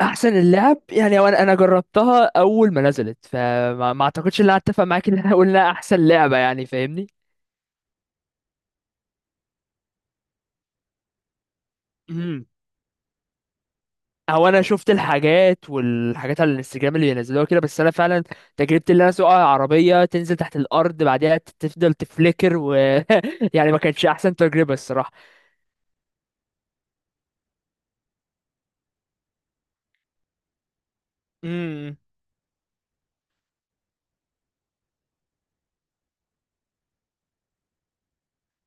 احسن اللعب يعني انا جربتها اول ما نزلت. فما ما اعتقدش ان انا اتفق معاك ان انا اقول انها احسن لعبه، يعني فاهمني. امم او انا شفت الحاجات والحاجات على الانستجرام اللي بينزلوها كده، بس انا فعلا تجربتي اللي انا اسوق عربيه تنزل تحت الارض بعدها تفضل تفليكر يعني ما كانتش احسن تجربه الصراحه. امم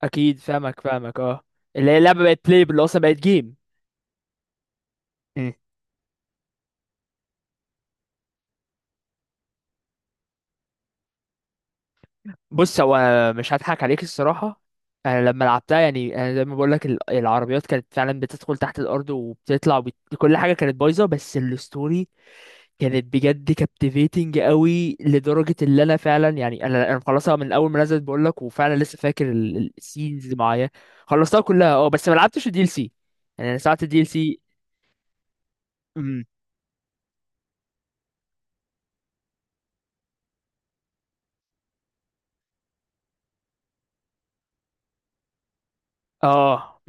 اكيد فاهمك فاهمك، اه. اللي هي اللعبه بقت بلاي اللي اصلا بقت جيم. بص، هو مش هضحك عليك الصراحة. أنا لما لعبتها، يعني أنا زي ما بقولك العربيات كانت فعلا بتدخل تحت الأرض وبتطلع كل حاجة كانت بايظة، بس الستوري كانت بجد كابتيفيتنج قوي، لدرجة اللي أنا فعلا يعني أنا مخلصها من أول ما نزلت بقولك، وفعلا لسه فاكر السينز اللي معايا. خلصتها كلها أه، بس ما لعبتش الدي ال سي. يعني أنا ساعة الدي ال سي. امم أه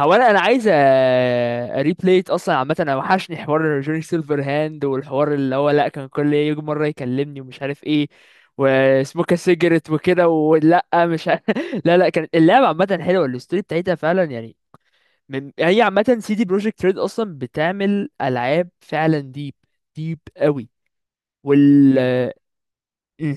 هو انا عايز ريبليت اصلا عامه. انا وحشني حوار جوني سيلفر هاند، والحوار اللي هو لا كان كل يجي مره يكلمني ومش عارف ايه وسموك سيجرت وكده ولا مش ع- لا لا، كانت اللعبه عامه حلوه، الستوري بتاعتها فعلا يعني. من هي عامه سي دي بروجكت ريد اصلا بتعمل العاب فعلا ديب، ديب قوي. وال مم.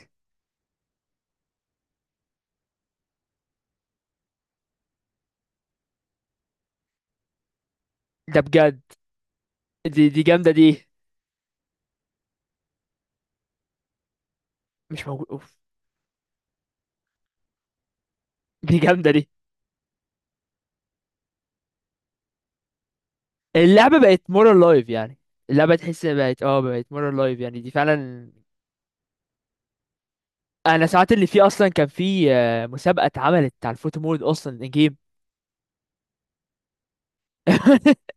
ده بجد، دي جامده دي. مش موجود أوف. دي جامده دي. اللعبة بقت مور لايف يعني. اللعبة تحس إنها بقت اه بقت مور لايف يعني، دي فعلا. انا ساعات اللي فيه اصلا كان فيه مسابقة اتعملت على الفوتو مود اصلا الجيم.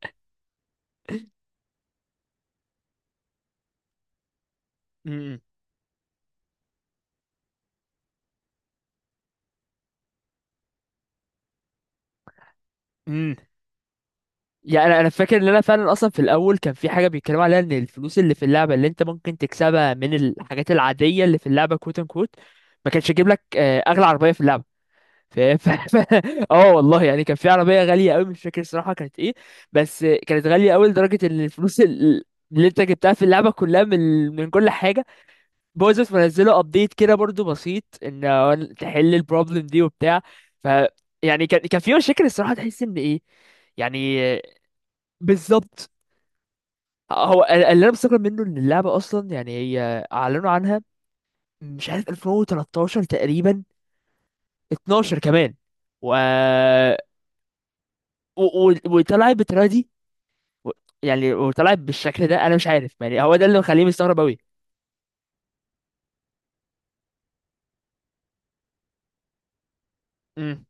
امم امم يعني انا فاكر ان انا فعلا اصلا في الاول كان في حاجه بيتكلموا عليها، ان الفلوس اللي في اللعبه اللي انت ممكن تكسبها من الحاجات العاديه اللي في اللعبه كوت ان كوت ما كانش يجيب لك اغلى عربيه في اللعبه. ف... ف... ف... اه والله، يعني كان في عربيه غاليه قوي، مش فاكر الصراحه كانت ايه، بس كانت غاليه قوي لدرجه ان الفلوس اللي انت جبتها في اللعبه كلها من كل حاجه باظت. منزله ابديت كده برضو بسيط ان هو تحل البروبلم دي وبتاع. ف يعني كان في مشاكل الصراحه، تحس ان ايه. يعني بالظبط. هو اللي انا مستغرب منه ان اللعبه اصلا، يعني هي اعلنوا عنها مش عارف 2013 تقريبا، 12 كمان. و و- وطلع بالطريقه دي، و- يعني وطلع بالشكل ده، انا مش عارف يعني. هو ده اللي مخليني مستغرب قوي. امم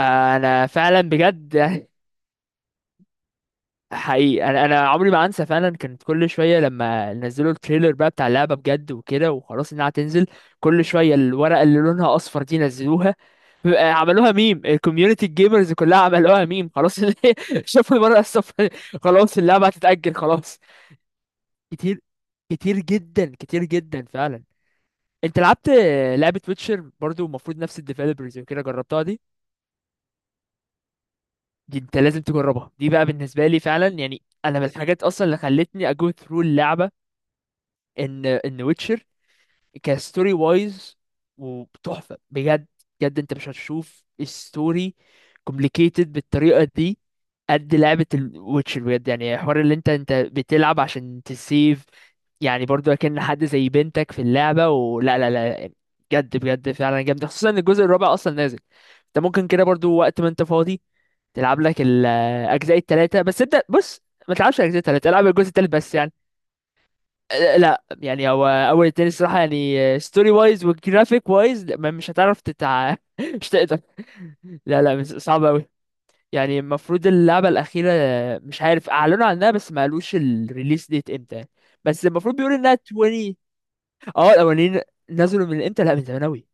انا فعلا بجد. حقيقي، انا عمري ما انسى، فعلا كانت كل شويه لما نزلوا التريلر بقى بتاع اللعبه بجد وكده وخلاص انها هتنزل، كل شويه الورقه اللي لونها اصفر دي نزلوها، بقى عملوها ميم الكوميونتي، الجيمرز كلها عملوها ميم، خلاص. اللي هي شافوا الورقه الصفر خلاص، اللعبه هتتاجل، خلاص. كتير، كتير جدا، كتير جدا فعلا. انت لعبت لعبة ويتشر برضو، المفروض نفس الديفلوبرز وكده، جربتها دي؟ دي انت لازم تجربها دي بقى، بالنسبة لي فعلا، يعني انا من الحاجات اصلا اللي خلتني اجو ثرو اللعبة ان ويتشر كستوري وايز وتحفة بجد. بجد انت مش هتشوف ستوري كومبليكيتد بالطريقة دي قد لعبة الويتشر بجد، يعني حوار اللي انت بتلعب عشان تسيف، يعني برضو اكن حد زي بنتك في اللعبة ولا لا لا. بجد بجد فعلا جامدة، خصوصا ان الجزء الرابع اصلا نازل. انت ممكن كده برضو وقت ما انت فاضي تلعب لك الاجزاء التلاتة بس. ابدأ، بص، ما تلعبش الاجزاء التلاتة، العب الجزء التالت بس يعني. اه، لا، يعني هو اول التاني الصراحة، يعني ستوري وايز وجرافيك وايز مش هتعرف مش تقدر. لا لا صعب قوي. يعني المفروض اللعبة الأخيرة، مش عارف أعلنوا عنها بس ما قالوش الريليس ديت امتى، بس المفروض بيقولوا إنها 20. اه، الأولانيين نزلوا من امتى، لا من زمان أوي،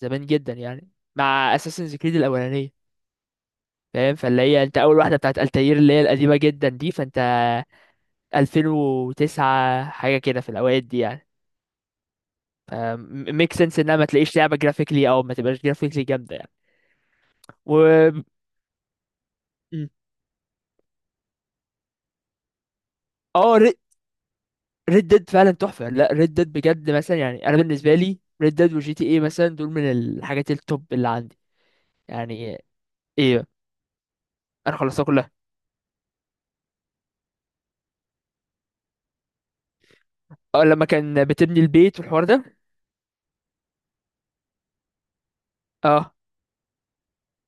زمان جدا يعني، مع أساسنز كريد الأولانية، فاهم، فاللي هي أنت أول واحدة بتاعت التاير اللي هي القديمة جدا دي، فأنت 2009 حاجة كده في الأوقات دي يعني. ميك سنس إنها ما تلاقيش لعبة جرافيكلي أو ما تبقاش جرافيكلي جامدة يعني. و م. اه، ريد ديد فعلا تحفه. لا، ريد ديد بجد مثلا، يعني انا بالنسبه لي ريد ديد وجي تي اي مثلا دول من الحاجات التوب اللي عندي يعني. ايه؟ انا خلصتها كلها. اه لما كان بتبني البيت والحوار ده. اه،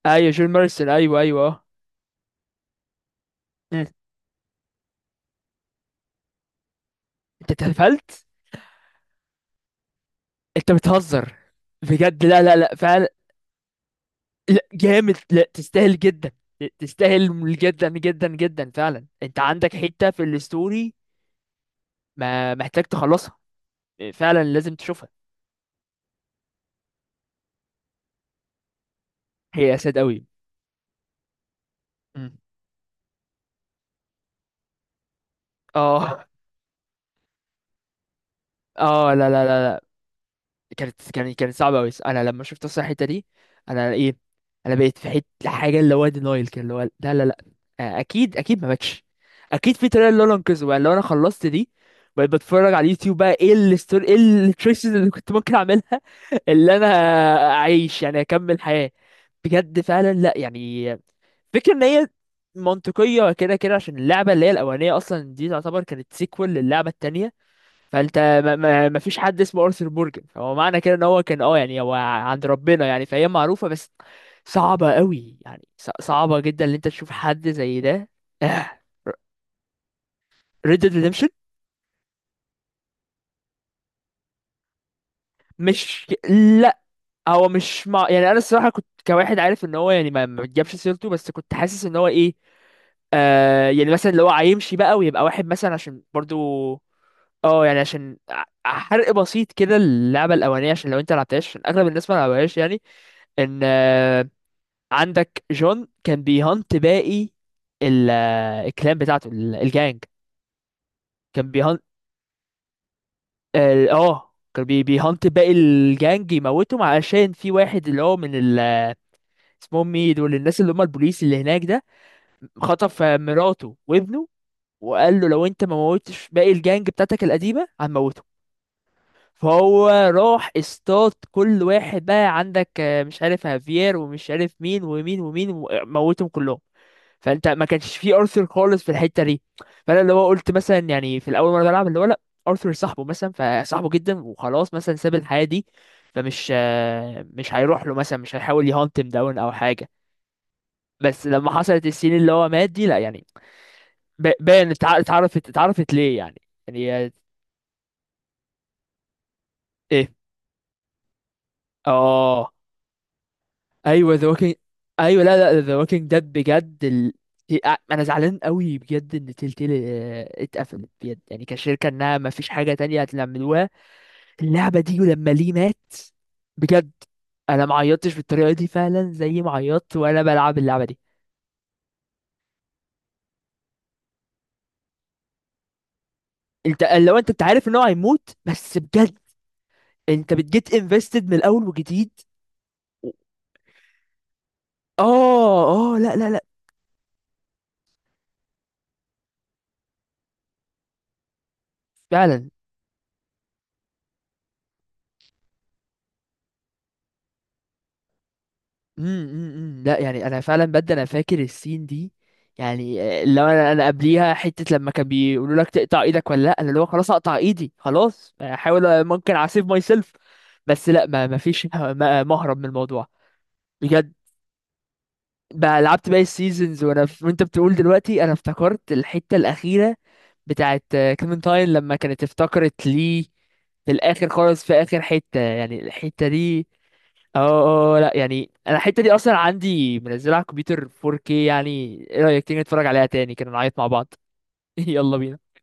ايوه جون مارسون، ايوه ايوه، اه. مم. انت اتقفلت؟ انت بتهزر؟ بجد؟ لا لا لا فعلا. لا جامد، لا تستاهل جدا، تستاهل جدا جدا جدا فعلا. انت عندك حته في الستوري، ما محتاج تخلصها، فعلا لازم تشوفها. هي اسد قوي. مم. اه اه، لا لا لا، كانت صعبة أوي. أنا لما شفت أصلا الحتة دي أنا إيه، أنا بقيت في حتة حاجة اللي هو دينايل كده، اللي هو لا لا لا، أكيد أكيد ما باكش. أكيد في طريقة اللي أنا أنقذه بقى لو أنا خلصت دي. بقيت بتفرج على اليوتيوب بقى إيه الستوري، إيه التريسز اللي كنت ممكن أعملها. اللي أنا أعيش يعني، أكمل حياة. بجد فعلا لا يعني، فكرة إن هي منطقية كده كده، عشان اللعبة اللي هي الأولانية أصلا دي تعتبر كانت سيكوال للعبة التانية. فانت ما فيش حد اسمه ارثر مورجان، فهو معنى كده ان هو كان يعني هو عند ربنا يعني، فهي معروفه، بس صعبه قوي يعني، صعبه جدا ان انت تشوف حد زي ده. ريد ديد ريدمشن. مش لا، هو مش مع... يعني انا الصراحه كنت كواحد عارف ان هو، يعني ما بتجيبش سيرته، بس كنت حاسس ان هو ايه، آه، يعني مثلا لو هو هيمشي بقى ويبقى واحد مثلا، عشان برضو اه يعني عشان حرق بسيط كده، اللعبه الاولانيه عشان لو انت لعبتهاش، عشان اغلب الناس ما لعبهاش يعني، ان عندك جون كان بيهانت باقي ال- الكلان بتاعته، الجانج، كان بيهانت ال- اه كان بي بيهانت باقي الجانج، يموتهم علشان في واحد اللي هو من ال، اسمهم ايه دول الناس اللي هم البوليس اللي هناك ده، خطف مراته وابنه وقال له لو انت ما موتش باقي الجانج بتاعتك القديمة هنموتهم. فهو راح اصطاد كل واحد، بقى عندك مش عارف هافير ومش عارف مين ومين ومين، وموتهم كلهم. فانت ما كانش فيه ارثر خالص في الحته دي، فانا اللي هو قلت مثلا، يعني في الاول مره بلعب اللي هو لا، ارثر صاحبه مثلا، فصاحبه جدا وخلاص مثلا ساب الحياه دي، فمش مش هيروح له مثلا، مش هيحاول يهانتم داون او حاجه. بس لما حصلت السين اللي هو مات دي، لا يعني، باين اتعرفت، ليه يعني. يعني ايه. اه، ايوه ذا ووكينج، ايوه لا لا، ذا ووكينج ديد بجد ال... انا زعلان قوي بجد ان تلتيل اتقفلت بجد يعني كشركه، انها ما فيش حاجه تانية هتعملوها. اللعبة دي لما ليه مات بجد، انا ما عيطتش بالطريقة دي فعلا زي ما عيطت وانا بلعب اللعبة دي. انت لو انت عارف ان هو هيموت، بس بجد انت بتجيت انفستد من الاول وجديد. اه اه لا لا لا فعلا. لا يعني، انا فعلا بجد انا فاكر السين دي. يعني لو انا قبليها حته لما كان بيقولوا لك تقطع ايدك ولا لا، انا اللي هو خلاص اقطع ايدي، خلاص احاول ممكن اسيف ماي سيلف. بس لا، ما فيش مهرب من الموضوع. بجد. بقى لعبت باقي السيزونز، وانت بتقول دلوقتي، انا افتكرت الحته الاخيره بتاعت كليمنتاين لما كانت، افتكرت ليه، في الاخر خالص في اخر حته يعني الحته دي. اه اه، لا يعني انا الحته دي اصلا عندي منزلها على الكمبيوتر 4K يعني. ايه رايك تيجي نتفرج عليها تاني كده نعيط مع بعض؟ يلا بينا.